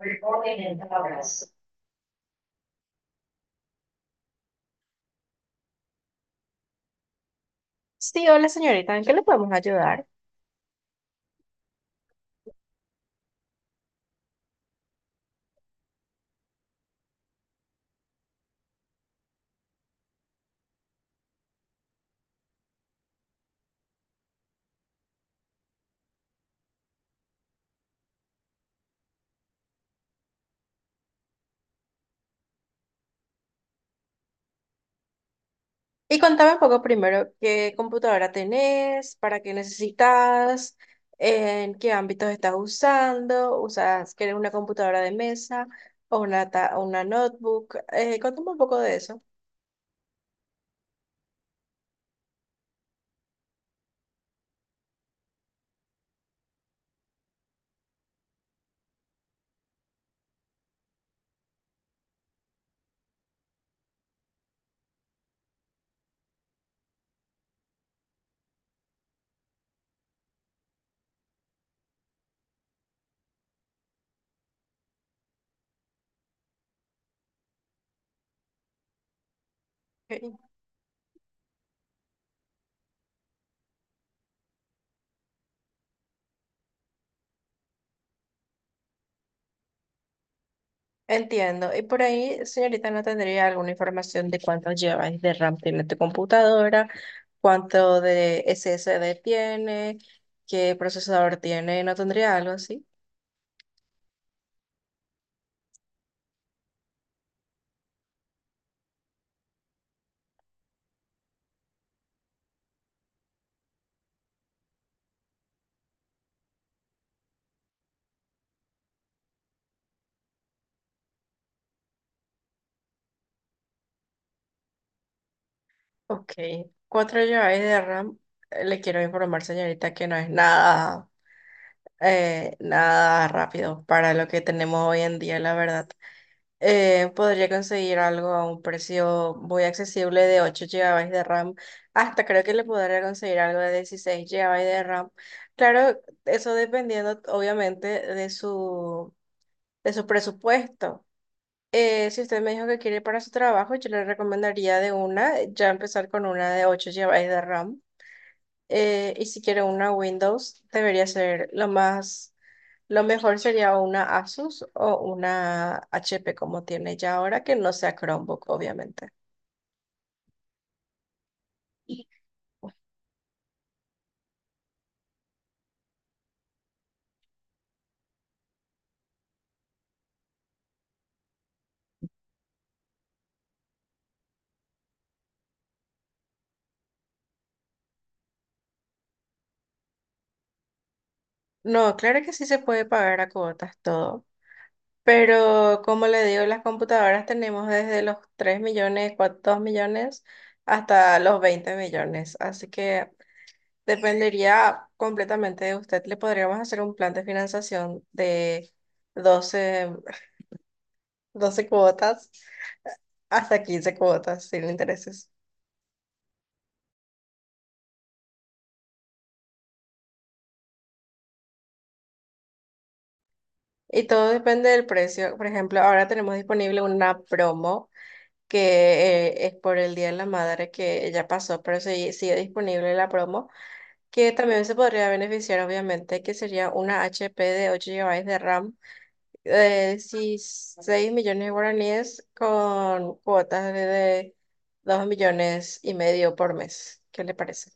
Recording in progress. Sí, hola señorita, ¿en qué le podemos ayudar? Y contame un poco primero qué computadora tenés, para qué necesitas, en qué ámbitos estás usando, usas, ¿quieres una computadora de mesa o una, o una notebook? Contame un poco de eso. Ok. Entiendo. Y por ahí, señorita, ¿no tendría alguna información de cuánto lleváis de RAM tiene tu computadora, cuánto de SSD tiene, qué procesador tiene? ¿No tendría algo así? Ok, 4 GB de RAM. Le quiero informar, señorita, que no es nada, nada rápido para lo que tenemos hoy en día, la verdad. Podría conseguir algo a un precio muy accesible de 8 GB de RAM. Hasta creo que le podría conseguir algo de 16 GB de RAM. Claro, eso dependiendo, obviamente, de su presupuesto. Si usted me dijo que quiere para su trabajo, yo le recomendaría de una, ya empezar con una de 8 GB de RAM. Y si quiere una Windows, debería ser lo más, lo mejor sería una Asus o una HP como tiene ya ahora, que no sea Chromebook, obviamente. No, claro que sí se puede pagar a cuotas todo, pero como le digo, las computadoras tenemos desde los 3 millones, 4, 2 millones hasta los 20 millones, así que dependería completamente de usted. Le podríamos hacer un plan de financiación de 12 12 cuotas hasta 15 cuotas sin intereses. Y todo depende del precio. Por ejemplo, ahora tenemos disponible una promo que es por el Día de la Madre que ya pasó, pero sigue disponible la promo, que también se podría beneficiar, obviamente, que sería una HP de 8 GB de RAM, sí, 6 millones de guaraníes con cuotas de 2 millones y medio por mes. ¿Qué le parece?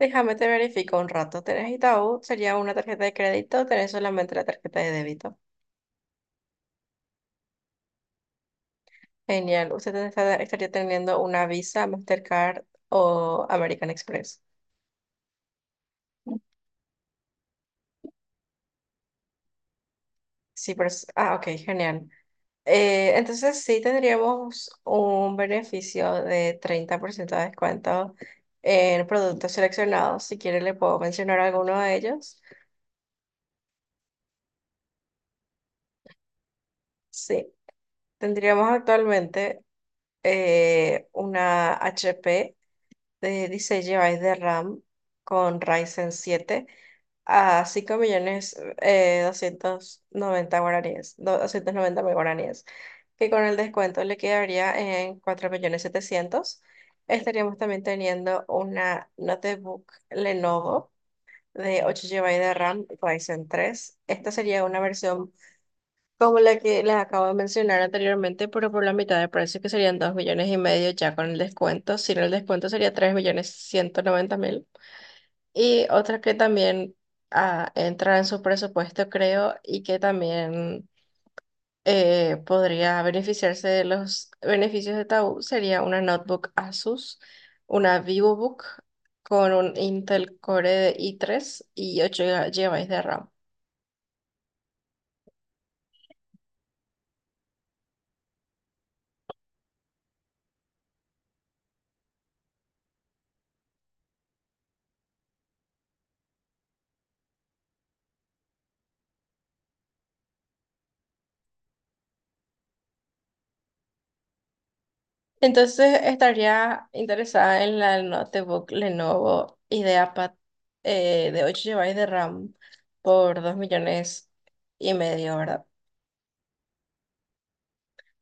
Déjame te verifico un rato. ¿Tenés Itaú? ¿Sería una tarjeta de crédito? ¿Tenés solamente la tarjeta de débito? Genial. ¿Usted estaría teniendo una Visa, Mastercard o American Express? Sí, pero... Ah, ok, genial. Entonces sí tendríamos un beneficio de 30% de descuento en productos seleccionados. Si quiere le puedo mencionar alguno de ellos. Sí, tendríamos actualmente una HP de 16 GB de RAM con Ryzen 7, a 5 millones 290 guaraníes, 290.000 guaraníes, que con el descuento le quedaría en 4 millones setecientos. Estaríamos también teniendo una notebook Lenovo de 8 GB de RAM Ryzen 3. Esta sería una versión como la que les acabo de mencionar anteriormente, pero por la mitad de precio, que serían 2 millones y medio ya con el descuento. Sin el descuento sería 3 millones ciento noventa. Y otra que también, ah, entra en su presupuesto, creo, y que también podría beneficiarse de los beneficios de Tabú, sería una notebook Asus, una VivoBook con un Intel Core de i3 y 8 GB de RAM. Entonces estaría interesada en la notebook Lenovo IdeaPad, de 8 GB de RAM por 2 millones y medio, ¿verdad?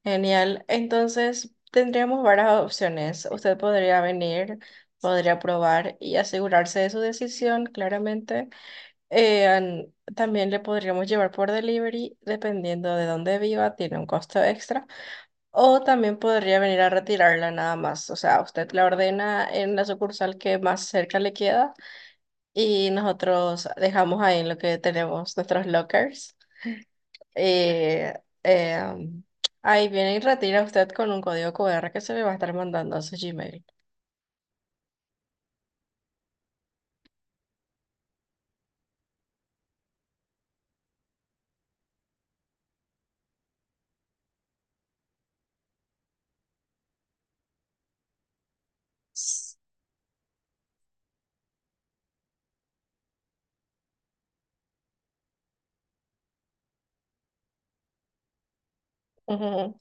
Genial. Entonces, tendríamos varias opciones. Usted podría venir, podría probar y asegurarse de su decisión, claramente. También le podríamos llevar por delivery, dependiendo de dónde viva, tiene un costo extra. O también podría venir a retirarla nada más. O sea, usted la ordena en la sucursal que más cerca le queda y nosotros dejamos ahí en lo que tenemos nuestros lockers, eh, eh, ahí viene y retira usted con un código QR que se le va a estar mandando a su Gmail. S- Ujú.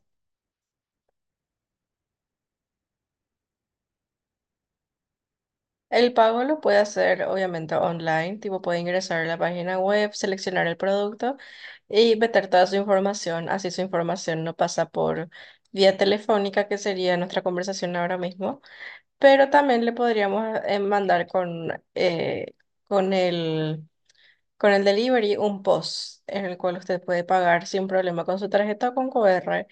El pago lo puede hacer obviamente online, tipo puede ingresar a la página web, seleccionar el producto y meter toda su información, así su información no pasa por vía telefónica, que sería nuestra conversación ahora mismo, pero también le podríamos mandar con el con el delivery, un POS en el cual usted puede pagar sin problema con su tarjeta o con QR.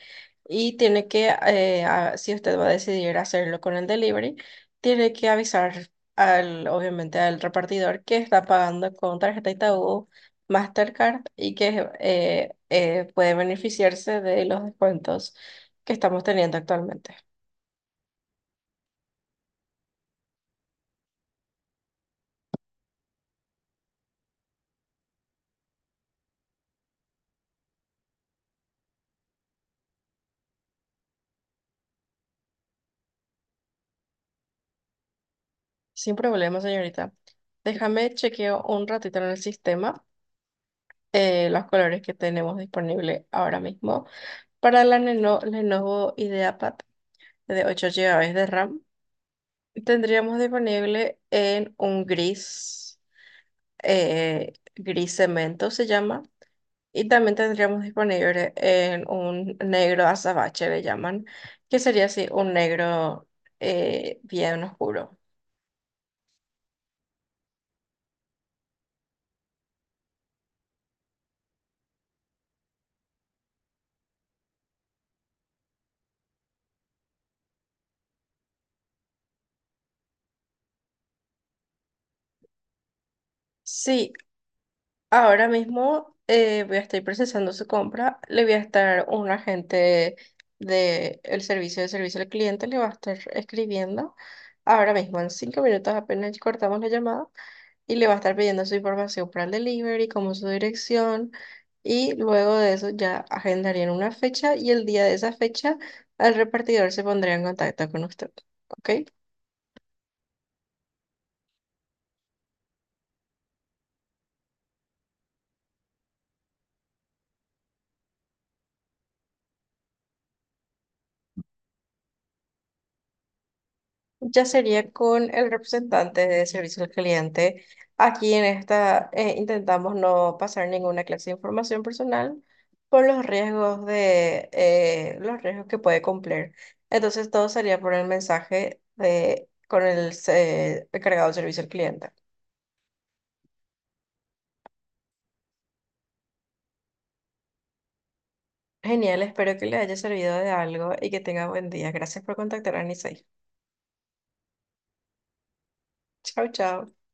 Y tiene que, si usted va a decidir hacerlo con el delivery, tiene que avisar al, obviamente al repartidor que está pagando con tarjeta Itaú, Mastercard y que puede beneficiarse de los descuentos que estamos teniendo actualmente. Sin problema, señorita. Déjame chequeo un ratito en el sistema los colores que tenemos disponible ahora mismo. Para la Lenovo IdeaPad de 8 GB de RAM, tendríamos disponible en un gris, gris cemento se llama, y también tendríamos disponible en un negro azabache, le llaman, que sería así, un negro bien oscuro. Sí, ahora mismo voy a estar procesando su compra, le voy a estar un agente del servicio de servicio al cliente, le va a estar escribiendo ahora mismo en 5 minutos apenas cortamos la llamada y le va a estar pidiendo su información para el delivery, como su dirección, y luego de eso ya agendarían una fecha y el día de esa fecha el repartidor se pondría en contacto con usted, ¿ok? Ya sería con el representante de servicio al cliente. Aquí en esta intentamos no pasar ninguna clase de información personal por los riesgos de los riesgos que puede cumplir. Entonces todo sería por el mensaje de con el encargado de servicio al cliente. Genial, espero que le haya servido de algo y que tenga buen día. Gracias por contactar a Nisei. Chao, chao.